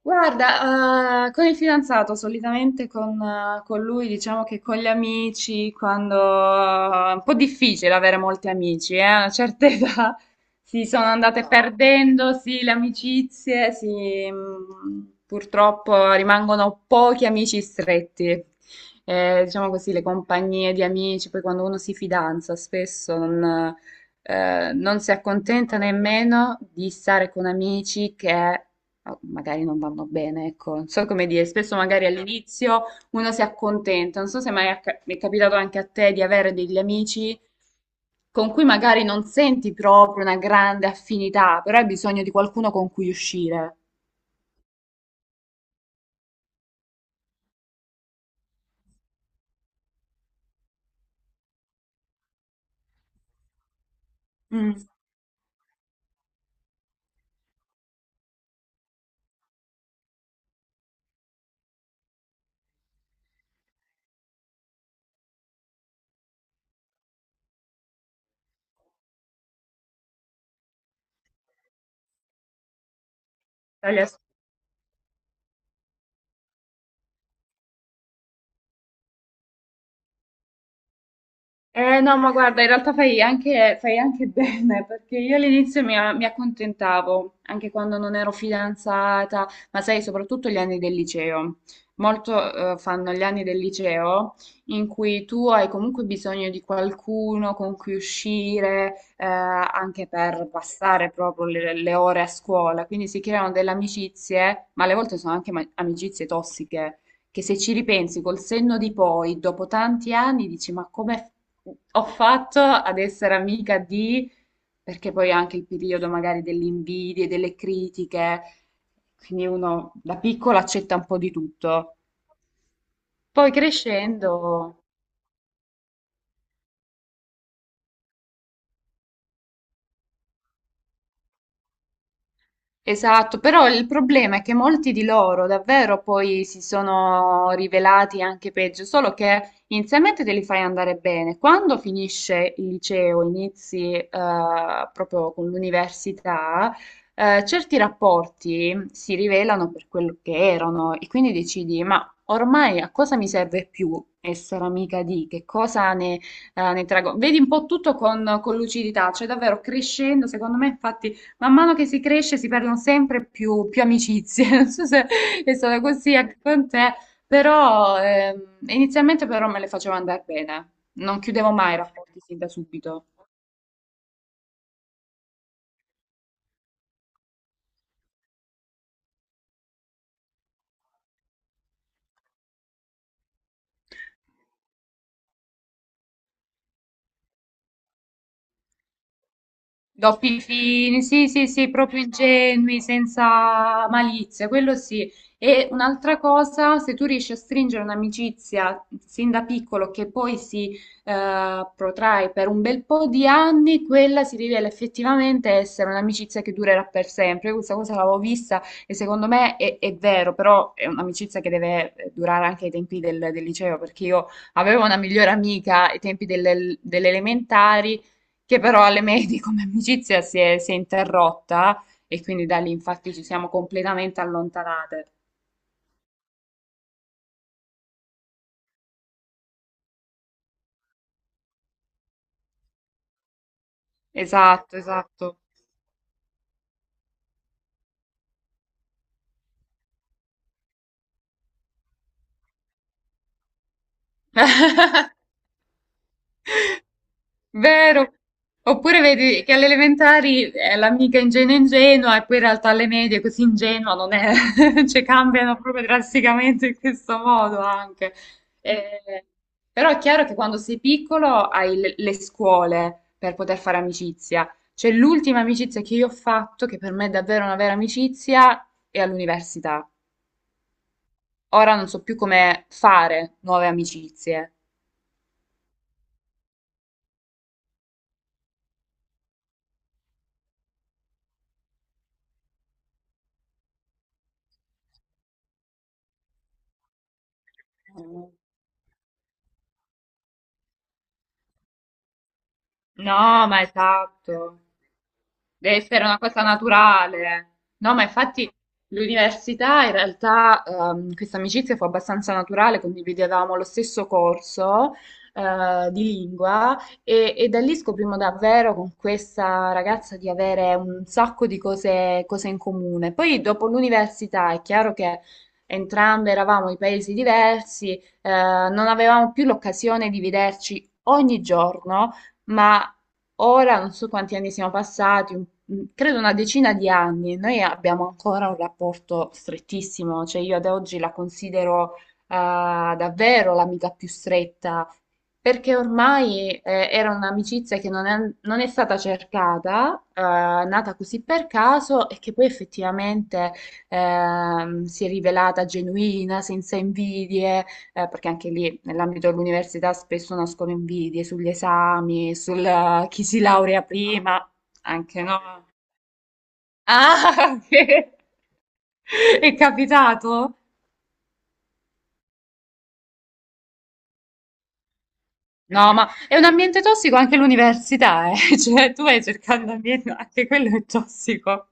Guarda, con il fidanzato, solitamente con lui, diciamo che con gli amici, quando è un po' difficile avere molti amici, a una certa età si sono andate, no, perdendo, sì, le amicizie, sì, purtroppo rimangono pochi amici stretti. Diciamo così, le compagnie di amici, poi quando uno si fidanza spesso non si accontenta nemmeno di stare con amici che oh, magari non vanno bene, ecco. Non so come dire, spesso magari all'inizio uno si accontenta, non so se mai mi è capitato anche a te di avere degli amici con cui magari non senti proprio una grande affinità, però hai bisogno di qualcuno con cui uscire. Mm. Eh no, ma guarda, in realtà fai anche bene, perché io all'inizio mi accontentavo, anche quando non ero fidanzata, ma sai, soprattutto gli anni del liceo. Molto, fanno gli anni del liceo in cui tu hai comunque bisogno di qualcuno con cui uscire, anche per passare proprio le ore a scuola. Quindi si creano delle amicizie, ma alle volte sono anche amicizie tossiche che se ci ripensi col senno di poi, dopo tanti anni, dici: ma come ho fatto ad essere amica di. Perché poi anche il periodo magari delle invidie, delle critiche, quindi uno da piccolo accetta un po' di tutto. Poi crescendo. Esatto, però il problema è che molti di loro davvero poi si sono rivelati anche peggio, solo che inizialmente te li fai andare bene. Quando finisce il liceo, inizi proprio con l'università, certi rapporti si rivelano per quello che erano e quindi decidi, ma ormai a cosa mi serve più essere amica di, che cosa ne traggo? Vedi un po' tutto con lucidità, cioè davvero crescendo, secondo me infatti man mano che si cresce si perdono sempre più amicizie. Non so se è stata così anche con te, però inizialmente però me le facevo andare bene. Non chiudevo mai i rapporti sin da subito. Doppi fini, sì, sì, sì, proprio ingenui, senza malizia, quello sì. E un'altra cosa, se tu riesci a stringere un'amicizia sin da piccolo che poi si protrae per un bel po' di anni, quella si rivela effettivamente essere un'amicizia che durerà per sempre. Io questa cosa l'avevo vista e secondo me è vero, però è un'amicizia che deve durare anche ai tempi del liceo, perché io avevo una migliore amica ai tempi delle elementari che però alle medie come amicizia si è interrotta e quindi da lì infatti ci siamo completamente allontanate. Esatto, esatto. Vero. Oppure vedi che alle elementari è l'amica ingenua ingenua e poi in realtà alle medie così ingenua non è, cioè cambiano proprio drasticamente in questo modo anche. Eh, Però è chiaro che quando sei piccolo hai le scuole per poter fare amicizia. Cioè l'ultima amicizia che io ho fatto, che per me è davvero una vera amicizia, è all'università. Ora non so più come fare nuove amicizie. No, ma esatto. Deve essere una cosa naturale. No, ma infatti l'università in realtà questa amicizia fu abbastanza naturale, condividevamo lo stesso corso di lingua e da lì scoprimo davvero con questa ragazza di avere un sacco di cose in comune. Poi dopo l'università è chiaro che entrambe eravamo in paesi diversi, non avevamo più l'occasione di vederci ogni giorno, ma ora non so quanti anni siano passati, credo una decina di anni. Noi abbiamo ancora un rapporto strettissimo, cioè io ad oggi la considero eh, davvero l'amica più stretta, perché ormai era un'amicizia che non è stata cercata, nata così per caso e che poi effettivamente si è rivelata genuina, senza invidie, perché anche lì nell'ambito dell'università spesso nascono invidie sugli esami, sul chi si laurea prima, anche no. Ah, ok. È capitato? No, ma è un ambiente tossico anche l'università, eh. Cioè, tu vai cercando ambiente, anche quello è tossico.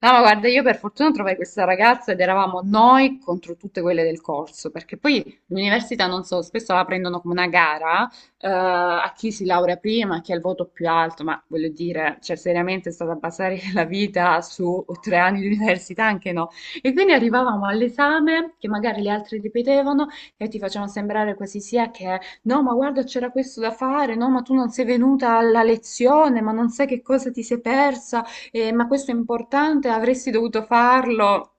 No, ma guarda, io per fortuna trovai questa ragazza ed eravamo noi contro tutte quelle del corso, perché poi l'università, non so, spesso la prendono come una gara, a chi si laurea prima, a chi ha il voto più alto, ma voglio dire, cioè seriamente è stata basare la vita su 3 anni di università, anche no. E quindi arrivavamo all'esame, che magari le altre ripetevano, e ti facevano sembrare quasi sia che, no, ma guarda, c'era questo da fare, no, ma tu non sei venuta alla lezione, ma non sai che cosa ti sei persa, ma questo è importante, avresti dovuto farlo.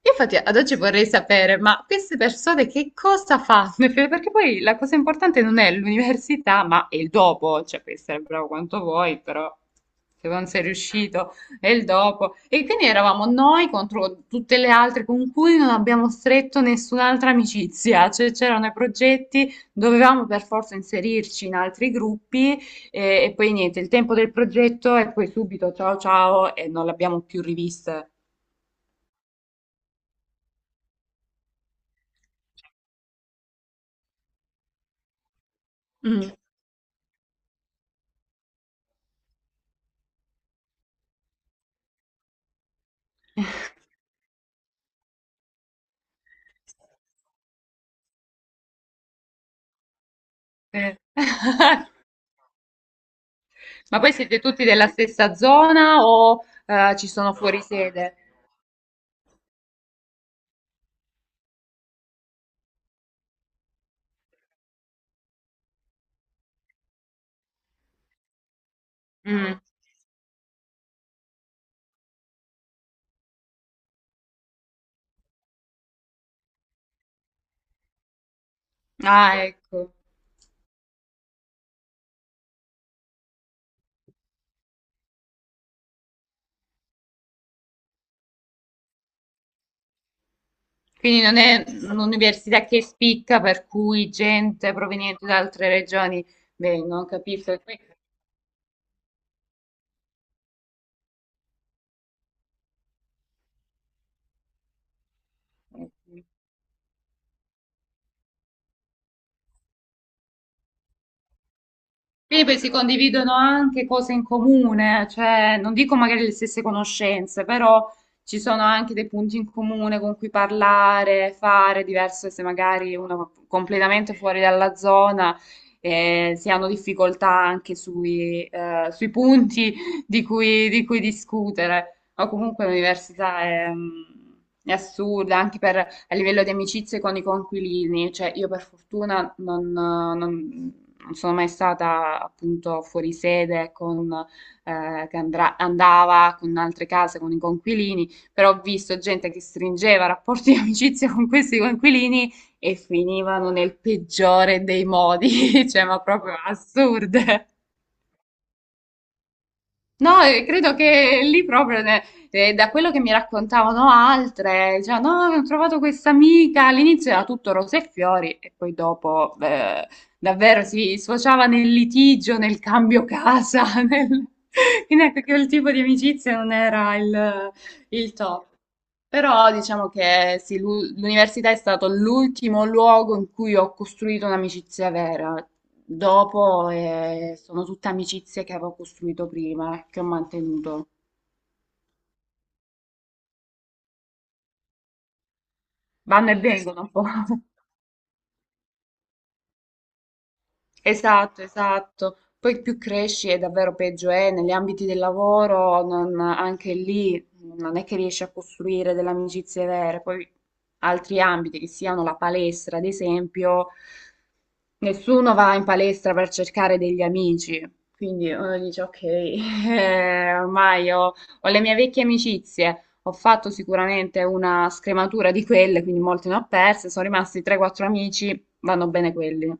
Io infatti ad oggi vorrei sapere, ma queste persone che cosa fanno? Perché poi la cosa importante non è l'università, ma è il dopo, cioè puoi essere bravo quanto vuoi, però se non sei riuscito è il dopo. E quindi eravamo noi contro tutte le altre con cui non abbiamo stretto nessun'altra amicizia, cioè c'erano i progetti, dovevamo per forza inserirci in altri gruppi e poi niente, il tempo del progetto e poi subito ciao ciao e non l'abbiamo più rivista. Mm. Eh. Ma poi siete tutti della stessa zona o ci sono fuori sede? Mm. Ah, ecco. Quindi non è un'università che spicca per cui gente proveniente da altre regioni. Beh, non capisco. Qui- Quindi poi si condividono anche cose in comune, cioè non dico magari le stesse conoscenze, però ci sono anche dei punti in comune con cui parlare, fare, diverso se magari uno completamente fuori dalla zona, si hanno difficoltà anche sui punti di cui discutere. O comunque l'università è assurda anche per a livello di amicizie con i coinquilini, cioè io per fortuna non sono mai stata appunto fuori sede con, che andava con altre case, con i coinquilini, però ho visto gente che stringeva rapporti di amicizia con questi coinquilini e finivano nel peggiore dei modi, cioè ma proprio assurde. No, credo che lì proprio, da quello che mi raccontavano altre, cioè, no, ho trovato questa amica, all'inizio era tutto rose e fiori e poi dopo davvero si sfociava nel litigio, nel cambio casa, nel... quindi ecco che il tipo di amicizia non era il top. Però diciamo che sì, l'università è stato l'ultimo luogo in cui ho costruito un'amicizia vera. Dopo sono tutte amicizie che avevo costruito prima, che ho mantenuto. Vanno e vengono un po'. Esatto, esatto. Poi più cresci e davvero peggio è negli ambiti del lavoro, anche lì non è che riesci a costruire delle amicizie vere. Poi altri ambiti, che siano la palestra, ad esempio, nessuno va in palestra per cercare degli amici. Quindi uno dice, ok, ormai ho le mie vecchie amicizie, ho fatto sicuramente una scrematura di quelle, quindi molte ne ho perse, sono rimasti 3-4 amici, vanno bene quelli.